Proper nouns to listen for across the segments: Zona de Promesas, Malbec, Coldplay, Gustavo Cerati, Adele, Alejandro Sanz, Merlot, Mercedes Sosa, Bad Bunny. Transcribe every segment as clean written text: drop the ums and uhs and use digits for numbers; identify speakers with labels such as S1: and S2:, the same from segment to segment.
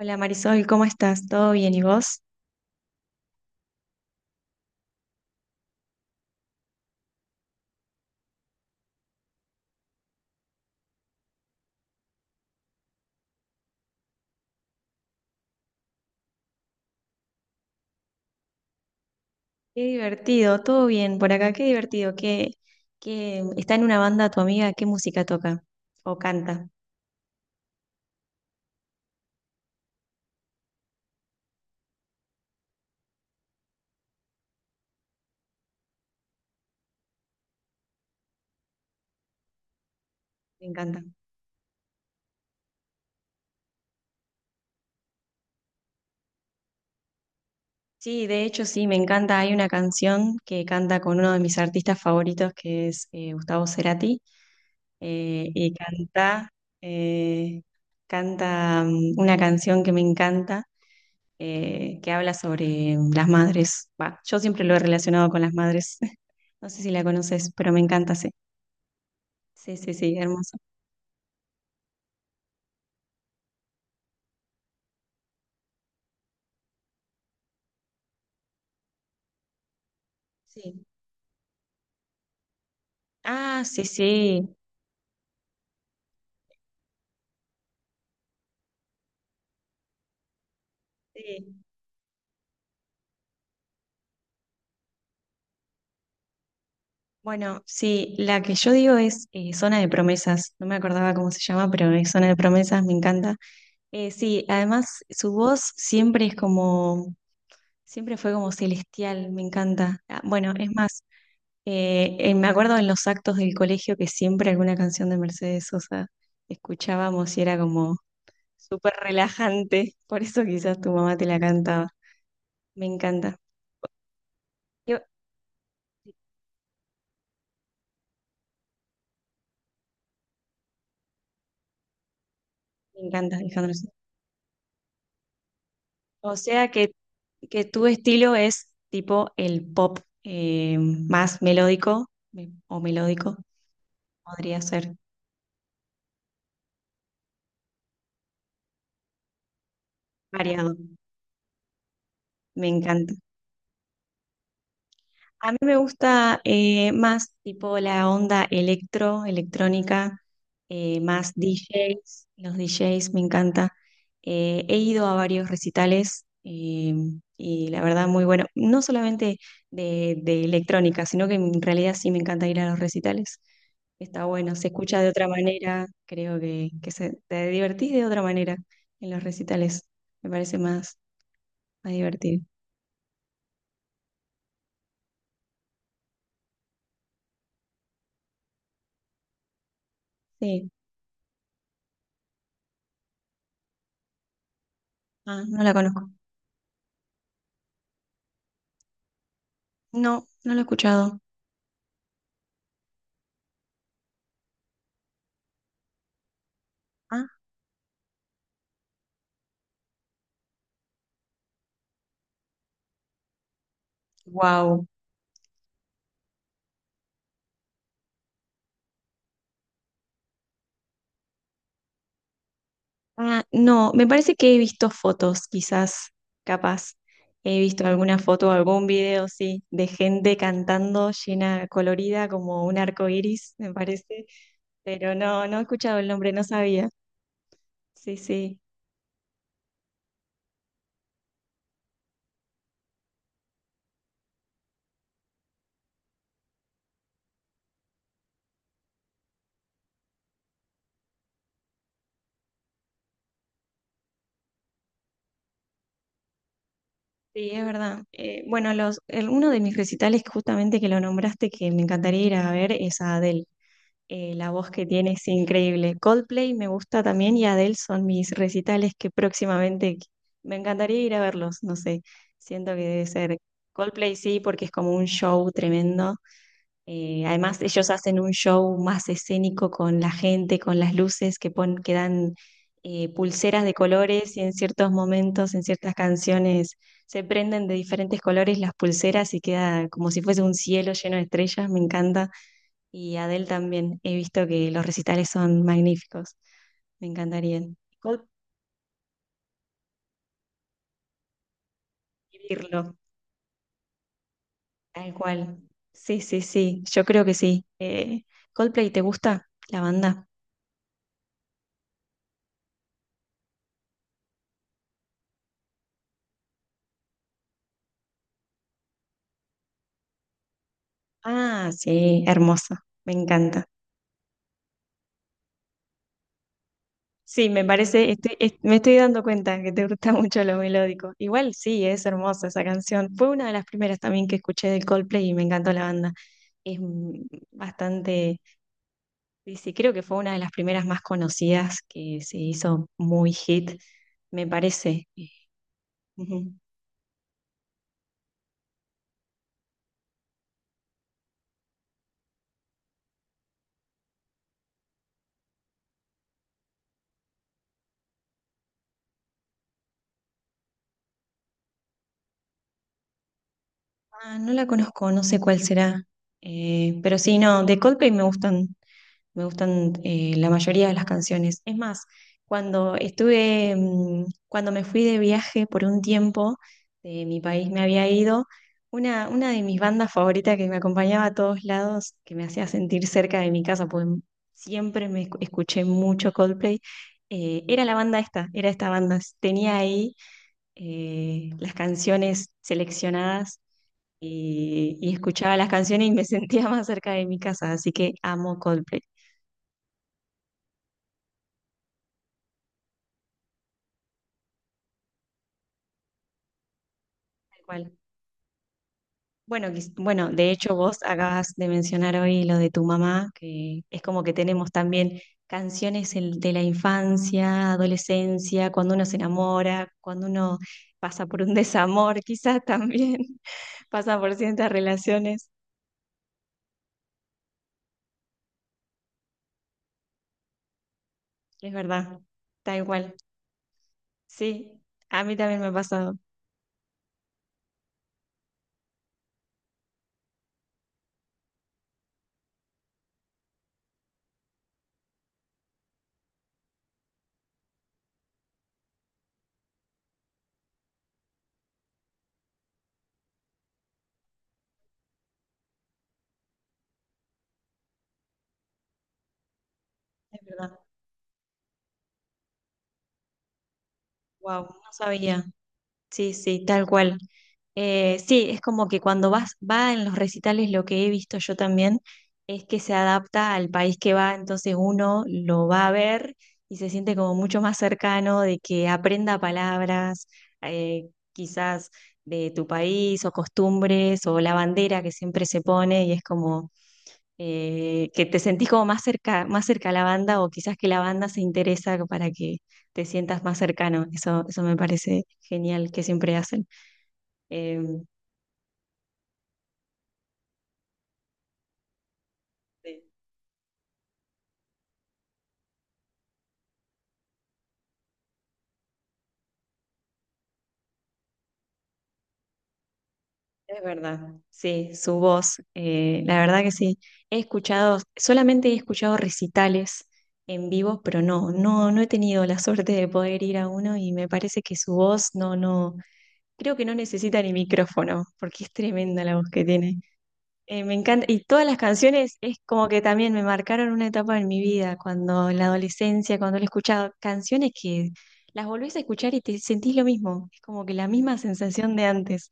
S1: Hola Marisol, ¿cómo estás? ¿Todo bien? ¿Y vos? Qué divertido, todo bien por acá, qué divertido. ¿Qué está en una banda tu amiga? ¿Qué música toca? ¿O canta? Me encanta. Sí, de hecho sí, me encanta. Hay una canción que canta con uno de mis artistas favoritos, que es Gustavo Cerati, y eh, canta una canción que me encanta, que habla sobre las madres. Bah, yo siempre lo he relacionado con las madres. No sé si la conoces, pero me encanta. Sí. Sí, sí, sí, hermoso. Sí. Ah, sí, sí. Sí. Bueno, sí, la que yo digo es Zona de Promesas, no me acordaba cómo se llama, pero es Zona de Promesas, me encanta. Sí, además su voz siempre es como, siempre fue como celestial, me encanta. Ah, bueno, es más, me acuerdo en los actos del colegio que siempre alguna canción de Mercedes Sosa escuchábamos y era como súper relajante, por eso quizás tu mamá te la cantaba. Me encanta. Yo- me encanta, Alejandro sí. O sea que tu estilo es tipo el pop o melódico, podría ser variado. Me encanta. A mí me gusta más tipo la onda electrónica, más DJs, los DJs me encanta. He ido a varios recitales, y la verdad muy bueno, no solamente de electrónica, sino que en realidad sí me encanta ir a los recitales. Está bueno, se escucha de otra manera, creo que te divertís de otra manera en los recitales, me parece más, más divertido. Sí, ah, no la conozco. No, no la he escuchado. Wow. Ah, no, me parece que he visto fotos, quizás, capaz. He visto alguna foto, o algún video, sí, de gente cantando llena, colorida, como un arco iris, me parece. Pero no, no he escuchado el nombre, no sabía. Sí, sí, sí, es verdad. Bueno, uno de mis recitales, justamente que lo nombraste, que me encantaría ir a ver, es a Adele. La voz que tiene es increíble. Coldplay me gusta también y Adele son mis recitales que próximamente me encantaría ir a verlos, no sé, siento que debe ser Coldplay sí, porque es como un show tremendo. Además, ellos hacen un show más escénico con la gente, con las luces que dan pulseras de colores y en ciertos momentos, en ciertas canciones, se prenden de diferentes colores las pulseras y queda como si fuese un cielo lleno de estrellas, me encanta. Y Adele también. He visto que los recitales son magníficos. Me encantaría Coldplay, vivirlo, tal cual. Sí, sí, sí. Yo creo que sí. Coldplay, ¿te gusta la banda? Ah, sí, hermosa. Me encanta. Sí, me parece, me estoy dando cuenta que te gusta mucho lo melódico. Igual sí, es hermosa esa canción. Fue una de las primeras también que escuché de Coldplay y me encantó la banda. Es bastante. Sí, sí, creo que fue una de las primeras más conocidas que se hizo muy hit, me parece. Ujú. Ah, no la conozco, no sé cuál será. Pero sí, no, de Coldplay me gustan. Me gustan la mayoría de las canciones. Es más, cuando estuve, cuando me fui de viaje por un tiempo, de mi país me había ido, una de mis bandas favoritas que me acompañaba a todos lados, que me hacía sentir cerca de mi casa, pues siempre escuché mucho Coldplay, era esta banda. Tenía ahí las canciones seleccionadas y escuchaba las canciones y me sentía más cerca de mi casa, así que amo Coldplay. Tal cual. Bueno, de hecho vos acabas de mencionar hoy lo de tu mamá, que es como que tenemos también canciones de la infancia, adolescencia, cuando uno se enamora, cuando uno pasa por un desamor, quizás también pasa por ciertas relaciones. Es verdad, tal igual. Sí, a mí también me ha pasado, es verdad. Wow, no sabía. Sí, sí, tal cual. Sí, es como que cuando vas, va en los recitales, lo que he visto yo también es que se adapta al país que va, entonces uno lo va a ver y se siente como mucho más cercano de que aprenda palabras, eh, quizás de tu país o costumbres o la bandera que siempre se pone y es como que te sentís como más cerca a la banda o quizás que la banda se interesa para que te sientas más cercano. Eso me parece genial que siempre hacen. Em, Es verdad, sí, su voz, la verdad que sí. He escuchado, solamente he escuchado recitales en vivo, pero no, no, no he tenido la suerte de poder ir a uno y me parece que su voz no, no, creo que no necesita ni micrófono, porque es tremenda la voz que tiene. Me encanta, y todas las canciones es como que también me marcaron una etapa en mi vida, cuando en la adolescencia, cuando he escuchado canciones que las volvés a escuchar y te sentís lo mismo, es como que la misma sensación de antes.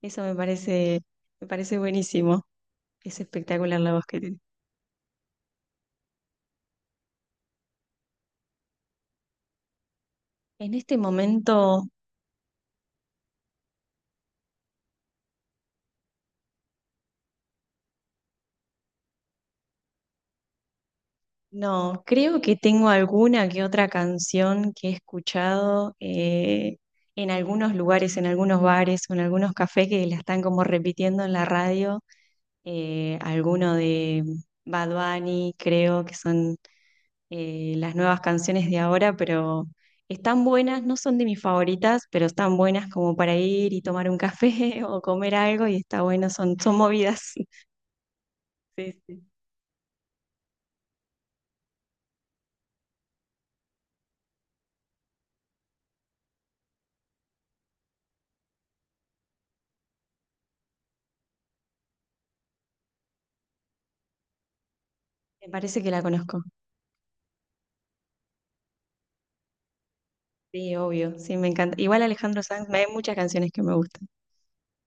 S1: Eso me parece buenísimo, es espectacular la voz que tiene. En este momento, no, creo que tengo alguna que otra canción que he escuchado en algunos lugares, en algunos bares o en algunos cafés que la están como repitiendo en la radio, alguno de Bad Bunny, creo que son las nuevas canciones de ahora, pero están buenas, no son de mis favoritas, pero están buenas como para ir y tomar un café o comer algo y está bueno, son, son movidas. Sí, sí. Me parece que la conozco. Sí, obvio, sí, me encanta. Igual Alejandro Sanz, hay muchas canciones que me gustan.